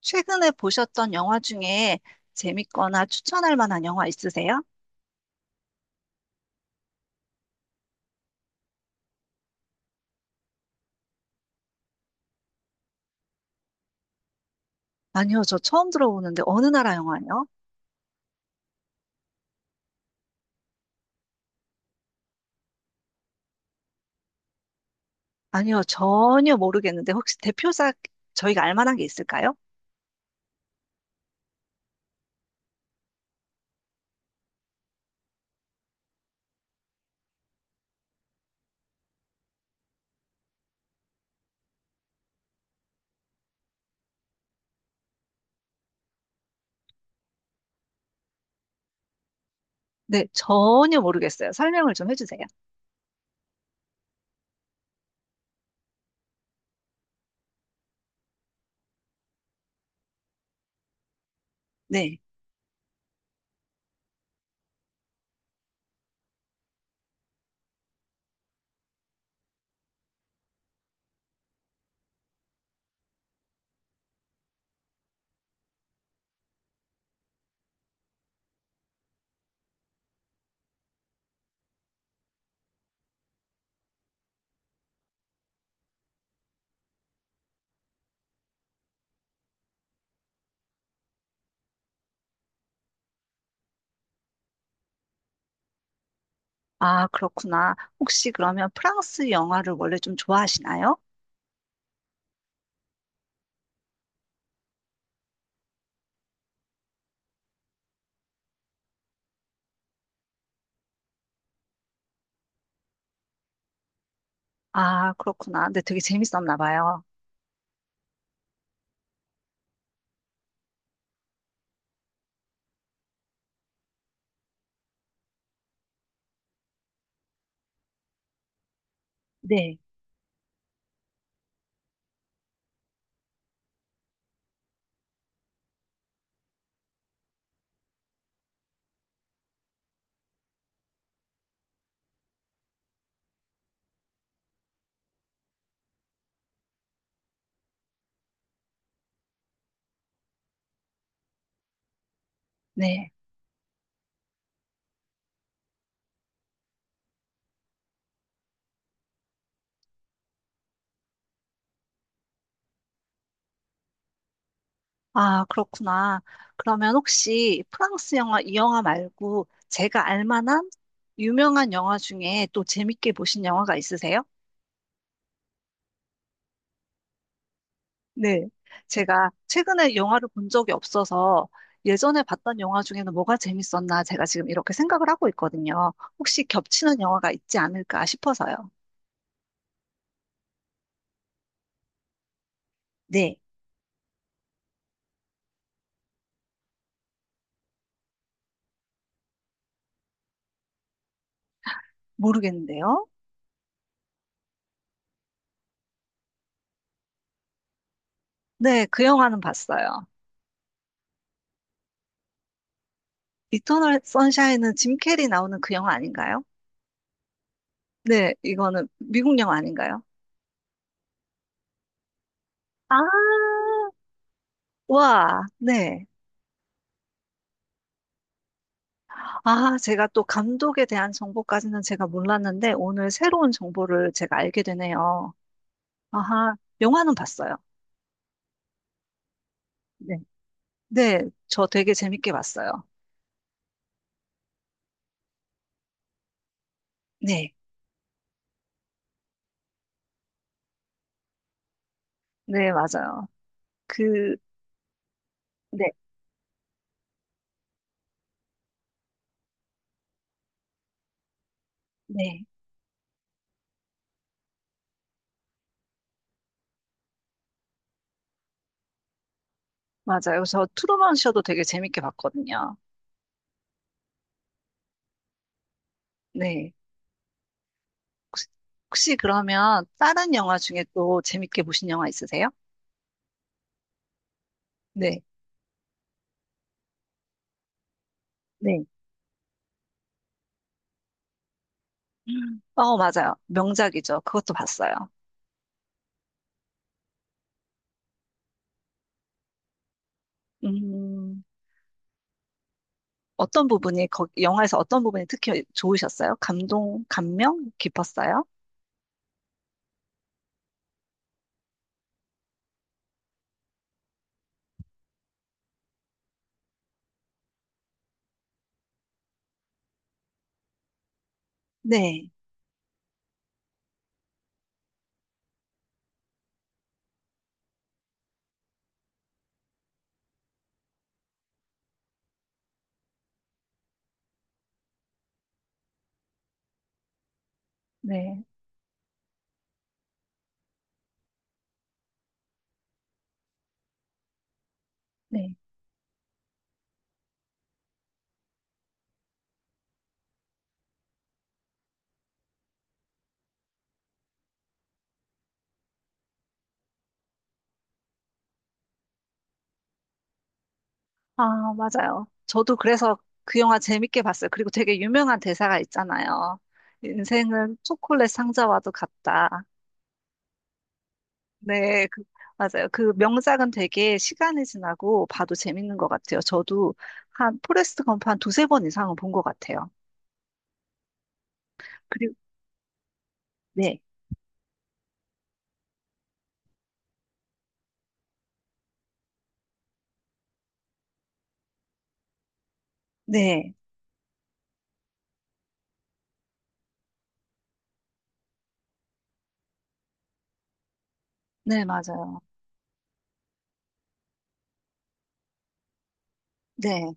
최근에 보셨던 영화 중에 재밌거나 추천할 만한 영화 있으세요? 아니요, 저 처음 들어보는데 어느 나라 영화예요? 아니요, 전혀 모르겠는데 혹시 대표작 저희가 알 만한 게 있을까요? 네, 전혀 모르겠어요. 설명을 좀 해주세요. 네. 아, 그렇구나. 혹시 그러면 프랑스 영화를 원래 좀 좋아하시나요? 아, 그렇구나. 근데 되게 재밌었나 봐요. 네, 네. 아, 그렇구나. 그러면 혹시 프랑스 영화 이 영화 말고 제가 알 만한 유명한 영화 중에 또 재밌게 보신 영화가 있으세요? 네. 제가 최근에 영화를 본 적이 없어서 예전에 봤던 영화 중에는 뭐가 재밌었나 제가 지금 이렇게 생각을 하고 있거든요. 혹시 겹치는 영화가 있지 않을까 싶어서요. 네. 모르겠는데요. 네, 그 영화는 봤어요. 이터널 선샤인은 짐 캐리 나오는 그 영화 아닌가요? 네, 이거는 미국 영화 아닌가요? 아, 와, 네. 아, 제가 또 감독에 대한 정보까지는 제가 몰랐는데 오늘 새로운 정보를 제가 알게 되네요. 아하, 영화는 봤어요. 네. 네, 저 되게 재밌게 봤어요. 네. 네, 맞아요. 그, 네, 네. 맞아요. 저 트루먼 쇼도 되게 재밌게 봤거든요. 네. 혹시, 혹시 그러면 다른 영화 중에 또 재밌게 보신 영화 있으세요? 네. 네. 음. 어, 맞아요. 명작이죠. 그것도 봤어요. 음. 어떤 부분이, 거, 영화에서 어떤 부분이 특히 좋으셨어요? 감동, 감명 깊었어요? 네, 네, 네. 아, 맞아요. 저도 그래서 그 영화 재밌게 봤어요. 그리고 되게 유명한 대사가 있잖아요. 인생은 초콜릿 상자와도 같다. 네, 그, 맞아요. 그 명작은 되게 시간이 지나고 봐도 재밌는 것 같아요. 저도 한 포레스트 검프 한 두세 번 이상은 본 것 같아요. 그리고, 네, 네, 네, 맞아요. 네.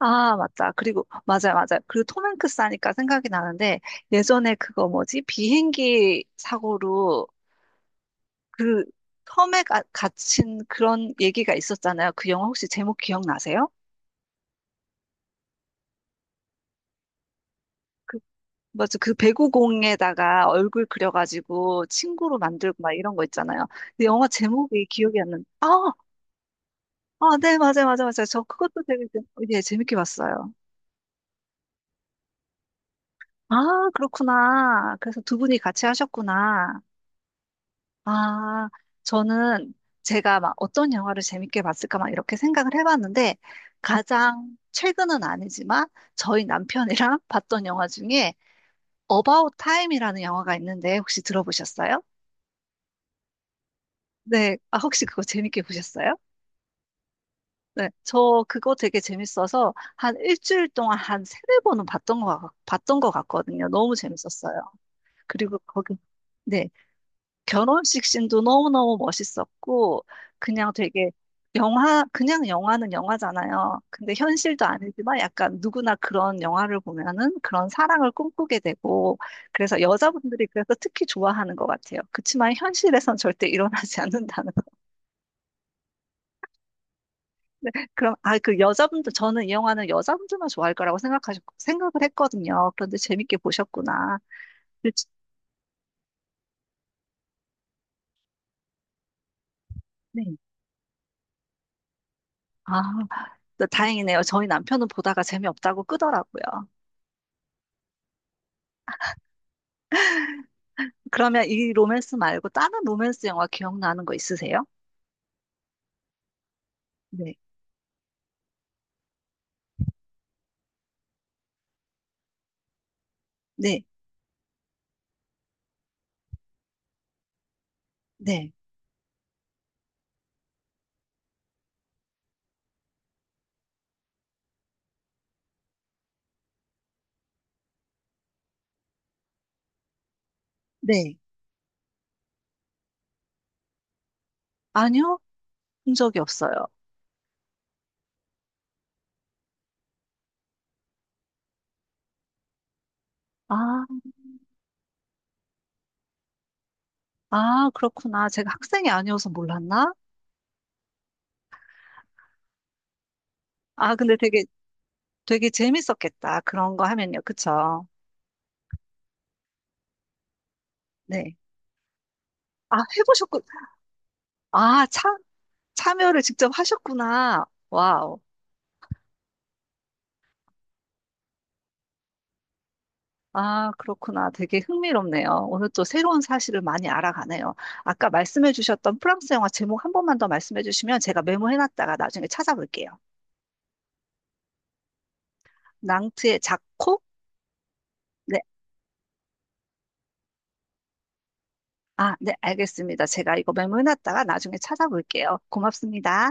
아, 맞다. 그리고, 맞아요, 맞아요. 그리고 톰 행크스 하니까 생각이 나는데, 예전에 그거 뭐지? 비행기 사고로 그 섬에 가, 갇힌 그런 얘기가 있었잖아요. 그 영화 혹시 제목 기억나세요? 그, 맞아. 그 배구공에다가 얼굴 그려가지고 친구로 만들고 막 이런 거 있잖아요. 근데 영화 제목이 기억이 안 나는데, 아, 아, 네, 맞아요, 맞아요, 맞아요. 저 그것도 되게, 재- 예, 재밌게 봤어요. 아, 그렇구나. 그래서 두 분이 같이 하셨구나. 아, 저는 제가 막 어떤 영화를 재밌게 봤을까 막 이렇게 생각을 해봤는데 가장 최근은 아니지만 저희 남편이랑 봤던 영화 중에 About Time이라는 영화가 있는데 혹시 들어보셨어요? 네, 아, 혹시 그거 재밌게 보셨어요? 네, 저 그거 되게 재밌어서 한 일주일 동안 한 세네 번은 봤던 거, 봤던 것 같거든요. 너무 재밌었어요. 그리고 거기, 네. 결혼식 씬도 너무너무 멋있었고, 그냥 되게 영화, 그냥 영화는 영화잖아요. 근데 현실도 아니지만 약간 누구나 그런 영화를 보면은 그런 사랑을 꿈꾸게 되고, 그래서 여자분들이 그래서 특히 좋아하는 것 같아요. 그치만 현실에선 절대 일어나지 않는다는. 그럼, 아, 그 여자분들, 저는 이 영화는 여자분들만 좋아할 거라고 생각하셨, 생각을 했거든요. 그런데 재밌게 보셨구나. 그치? 네. 아, 다행이네요. 저희 남편은 보다가 재미없다고 끄더라고요. 그러면 이 로맨스 말고 다른 로맨스 영화 기억나는 거 있으세요? 네, 네, 네, 네. 아니요, 본 적이 없어요. 아, 아, 그렇구나. 제가 학생이 아니어서 몰랐나? 아, 근데 되게, 되게 재밌었겠다. 그런 거 하면요. 그쵸? 네. 아, 해보셨군. 아, 참, 참여를 직접 하셨구나. 와우. 아, 그렇구나. 되게 흥미롭네요. 오늘 또 새로운 사실을 많이 알아가네요. 아까 말씀해 주셨던 프랑스 영화 제목 한 번만 더 말씀해 주시면 제가 메모해 놨다가 나중에 찾아볼게요. 낭트의 자코? 네. 아, 네, 알겠습니다. 제가 이거 메모해 놨다가 나중에 찾아볼게요. 고맙습니다.